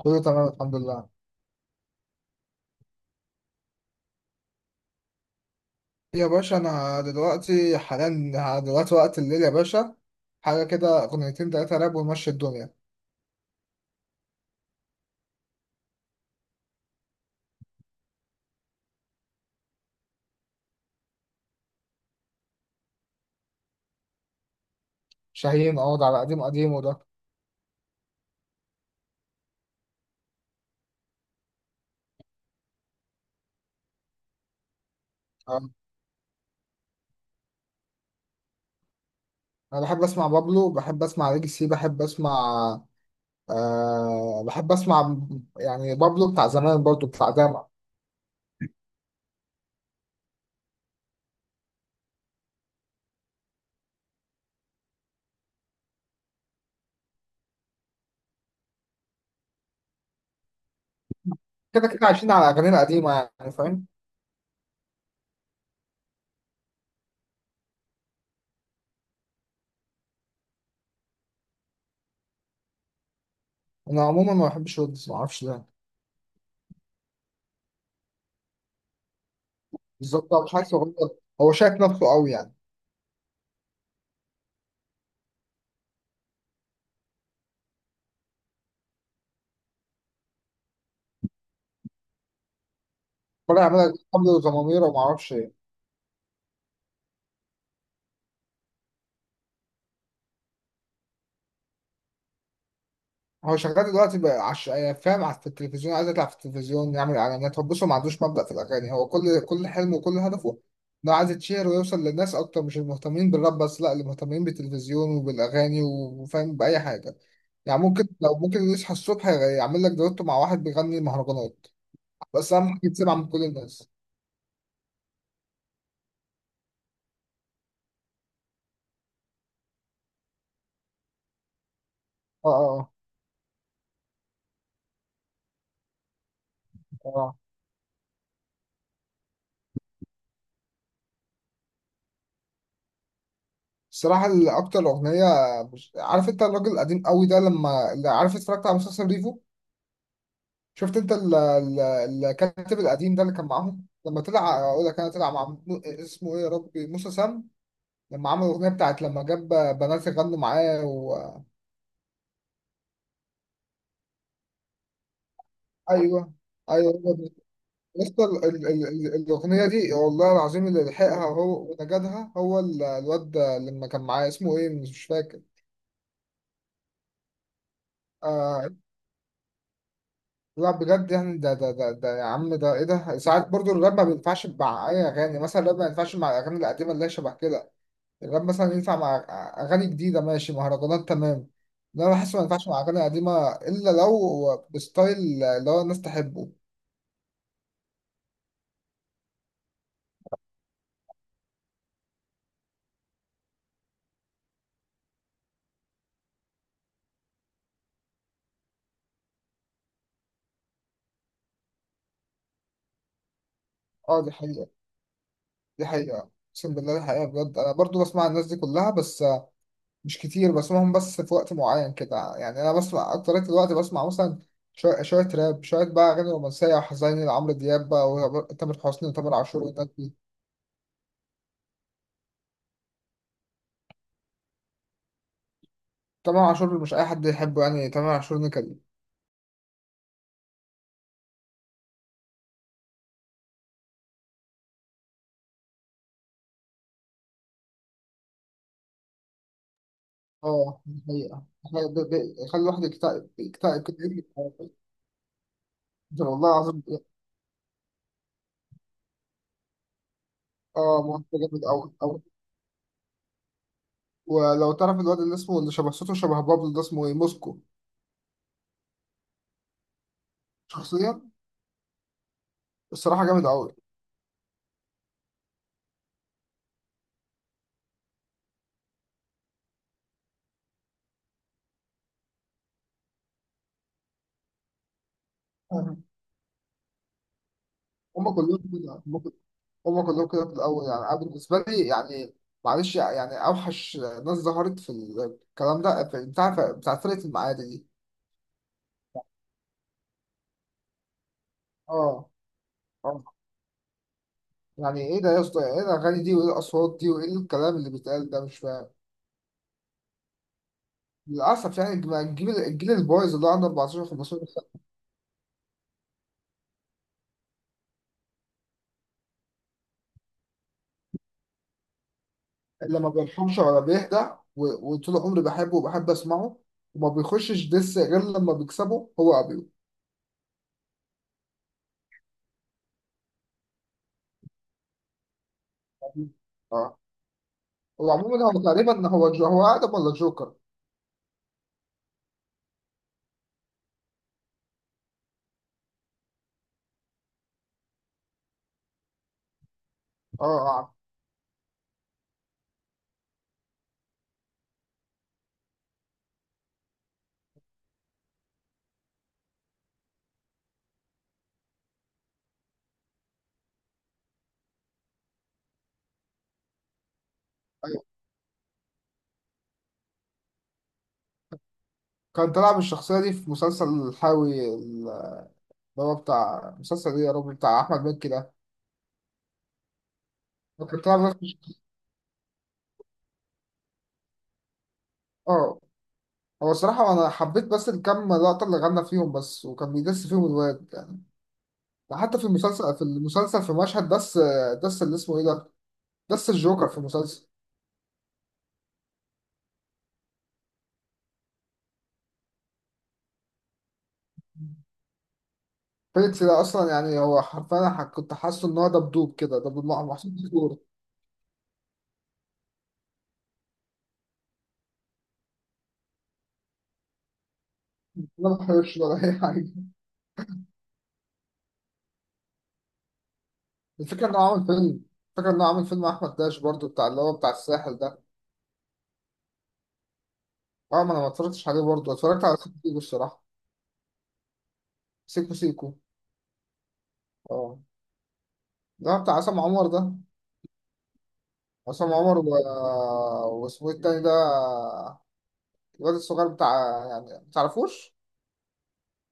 كله تمام، الحمد لله. يا باشا انا دلوقتي حاليا دلوقتي وقت الليل يا باشا. حاجه كده اغنيتين تلاته راب ونمشي الدنيا. شاهين، اقعد على قديم قديم وده. آه. انا بحب اسمع بابلو، بحب اسمع ليجسي، بحب اسمع، بحب اسمع يعني بابلو بتاع زمان برضه بتاع داما. كده كده عايشين على اغاني قديمه، يعني فاهم. انا عموما ما بحبش ويجز، ما اعرفش ليه. بالظبط، هو مش عارف يغني، هو شايف نفسه قوي يعني. طلع يعملها قبل ضمامير وما اعرفش. هو شغال دلوقتي بقى فاهم. في التلفزيون عايز يطلع في التلفزيون يعمل اعلانات. هو بص، هو ما عندوش مبدأ في الاغاني. هو كل حلمه وكل هدفه انه عايز يتشهر ويوصل للناس اكتر، مش المهتمين بالراب بس، لا، اللي مهتمين بالتلفزيون وبالاغاني و- وفاهم باي حاجه. يعني ممكن، لو ممكن يصحى الصبح يعمل لك دويتو مع واحد بيغني مهرجانات، بس اهم حاجه يتسمع من كل الناس. اه، اه، اه. الصراحه اللي اكتر اغنيه مش... عارف، انت الراجل القديم قوي ده، لما اللي عارف اتفرجت على مسلسل ريفو، شفت انت الكاتب القديم ده اللي كان معاهم، لما طلع اقول لك، انا طلع مع اسمه ايه يا ربي، موسى سام، لما عمل الاغنيه بتاعت، لما جاب بنات يغنوا معاه. ايوه، ايوه، هو ده. لسه الاغنيه دي والله العظيم اللي لحقها هو ونجدها، هو الواد ده لما كان معاه اسمه ايه مش فاكر. آه، لا بجد يعني، ده يا عم، ده ايه ده. ساعات برضو الراب ما بينفعش مع اي اغاني، مثلا الراب ما ينفعش مع الاغاني القديمه اللي هي شبه كده. الراب مثلا ينفع مع اغاني جديده ماشي، مهرجانات تمام. انا بحس ما ينفعش مع اغاني قديمه الا لو بستايل اللي هو الناس تحبه. اه، دي حقيقه، دي حقيقه، اقسم بالله دي حقيقه بجد. انا برضو بسمع الناس دي كلها بس مش كتير بسمعهم، بس في وقت معين كده يعني. انا بسمع اكترية الوقت، بسمع مثلا شويه شويه راب، شويه بقى اغاني رومانسيه وحزيني لعمرو دياب بقى، وتامر حسني وتامر عاشور والناس دي. تامر عاشور مش اي حد يحبه يعني، تامر عاشور نكد. اه، دي حقيقة، دي حقيقة. يخلي الواحد يكتئب يكتئب كده، يجري في حياته. ده والله العظيم. اه، ممثل جامد أوي أوي. ولو تعرف الواد اللي اسمه اللي شبه صوته شبه بابلو ده اسمه ايه، موسكو. شخصيا الصراحة جامد أوي. مم. هما كلهم كده، هما كلهم كده في الأول يعني. أنا بالنسبة لي يعني، معلش يعني، أوحش ناس ظهرت في الكلام ده في بتاع فرقة المعادي دي. اه، اه. يعني ايه ده يا اسطى، ايه ده الأغاني دي، وايه الأصوات دي، وايه الكلام اللي بيتقال ده، مش فاهم. للأسف يعني، الجيل البايظ اللي هو عنده 14 15 سنة، اللي ما بيرحمش ولا بيهدى. و- وطول عمري بحبه وبحب أسمعه، وما بيخشش دس غير لما بيكسبه هو، أبيو. اه. هو عموما، هو تقريبا، هو آدم ولا جوكر. اه، اه، أيوه. كان طلع بالشخصية دي في مسلسل الحاوي اللي هو بتاع مسلسل إيه يا رب، بتاع أحمد مكي ده. هو كان طلع. اه، هو الصراحة أنا حبيت بس الكام لقطة اللي غنى فيهم بس، وكان بيدس فيهم الواد ده، حتى في المسلسل، في مشهد دس، اللي اسمه ايه ده، دس الجوكر في المسلسل. فيليكس ده اصلا يعني هو حرفيا، أنا كنت حاسه ان هو دبدوب كده، دبدوب محسوب في صوره. انا ما بحبش ولا اي حاجه. الفكره انه عامل فيلم الفكره انه عامل فيلم احمد داش برضو، بتاع اللي هو بتاع الساحل ده. اه، ما انا ما اتفرجتش عليه برضو، اتفرجت على سيكو سيكو الصراحه. سيكو سيكو. اه، ده بتاع عصام عمر ده. عصام عمر واسمه إيه التاني ده، الواد الصغير بتاع، يعني ما تعرفوش؟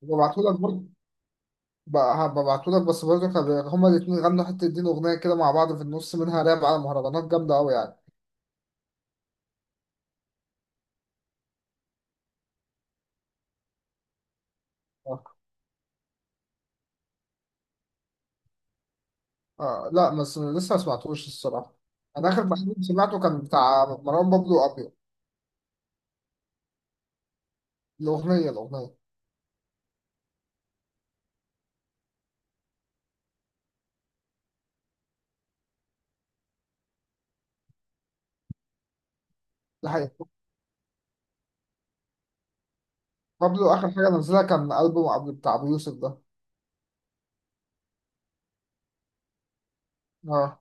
ببعتهولك برضه. بقى هبعتهولك، بس برضه احنا هما الاتنين غنوا حتة دين أغنية كده مع بعض، في النص منها راب على مهرجانات جامدة أوي يعني. آه. آه، لا بس لسه ما سمعتوش الصراحة. أنا آخر تحديد سمعته كان بتاع مروان بابلو وأبيو، الأغنية الأغنية. ده حقيقي. بابلو آخر حاجة نزلها كان ألبوم قبل بتاع أبو يوسف ده. اه.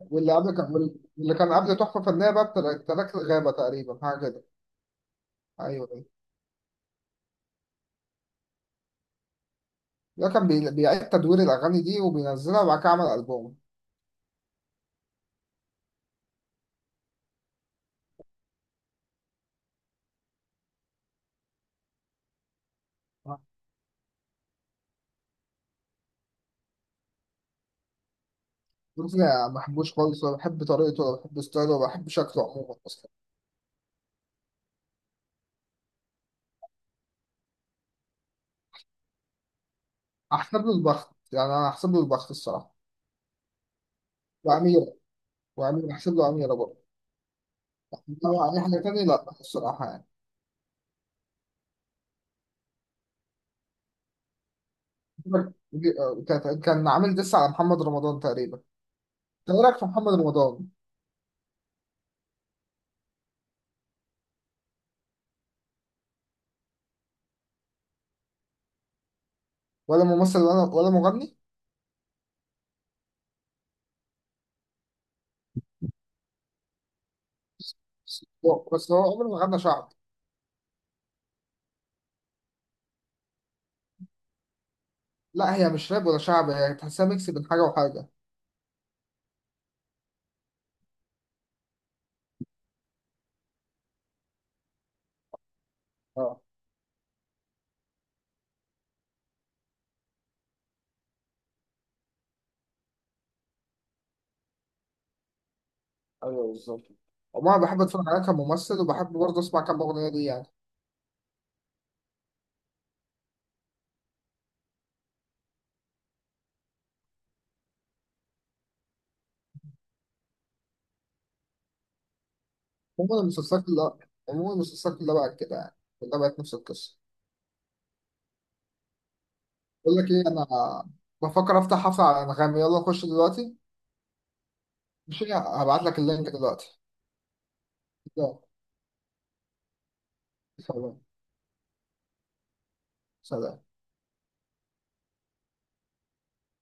واللي قبل كان واللي كان قبل تحفة فنية بقى تراك الغابة تقريبا، حاجة كده. أيوه، أيوه. ده كان بيعيد تدوير الأغاني دي وبينزلها، وبعد كده عمل ألبوم. رز ما بحبوش خالص، ولا بحب طريقته، ولا بحب ستايله، ولا بحب شكله عموما اصلا. احسب له البخت يعني، انا احسب له البخت الصراحه. واميره، واميره احسب له اميره برضه. إنما اي حاجه تانية لا الصراحه يعني. كان عامل دس على محمد رمضان تقريبا. انت إيه رايك في محمد رمضان؟ ولا ممثل، ولا مغني. بس هو عمره ما غنى شعب. لا، هي مش راب ولا شعب، هي تحسها ميكس بين حاجه وحاجه. اه، ايوه بالظبط. عموما بحب اتفرج عليها كممثل، وبحب برضه اسمع كام اغنيه ليه يعني. عموما المسلسلات كلها عموما المسلسلات كلها بقت كده يعني، كلها بقت نفس القصة. بقول لك إيه، أنا بفكر أفتح حفلة على أنغامي، يلا نخش دلوقتي. مش هبعت لك اللينك دلوقتي. يلا، سلام، سلام.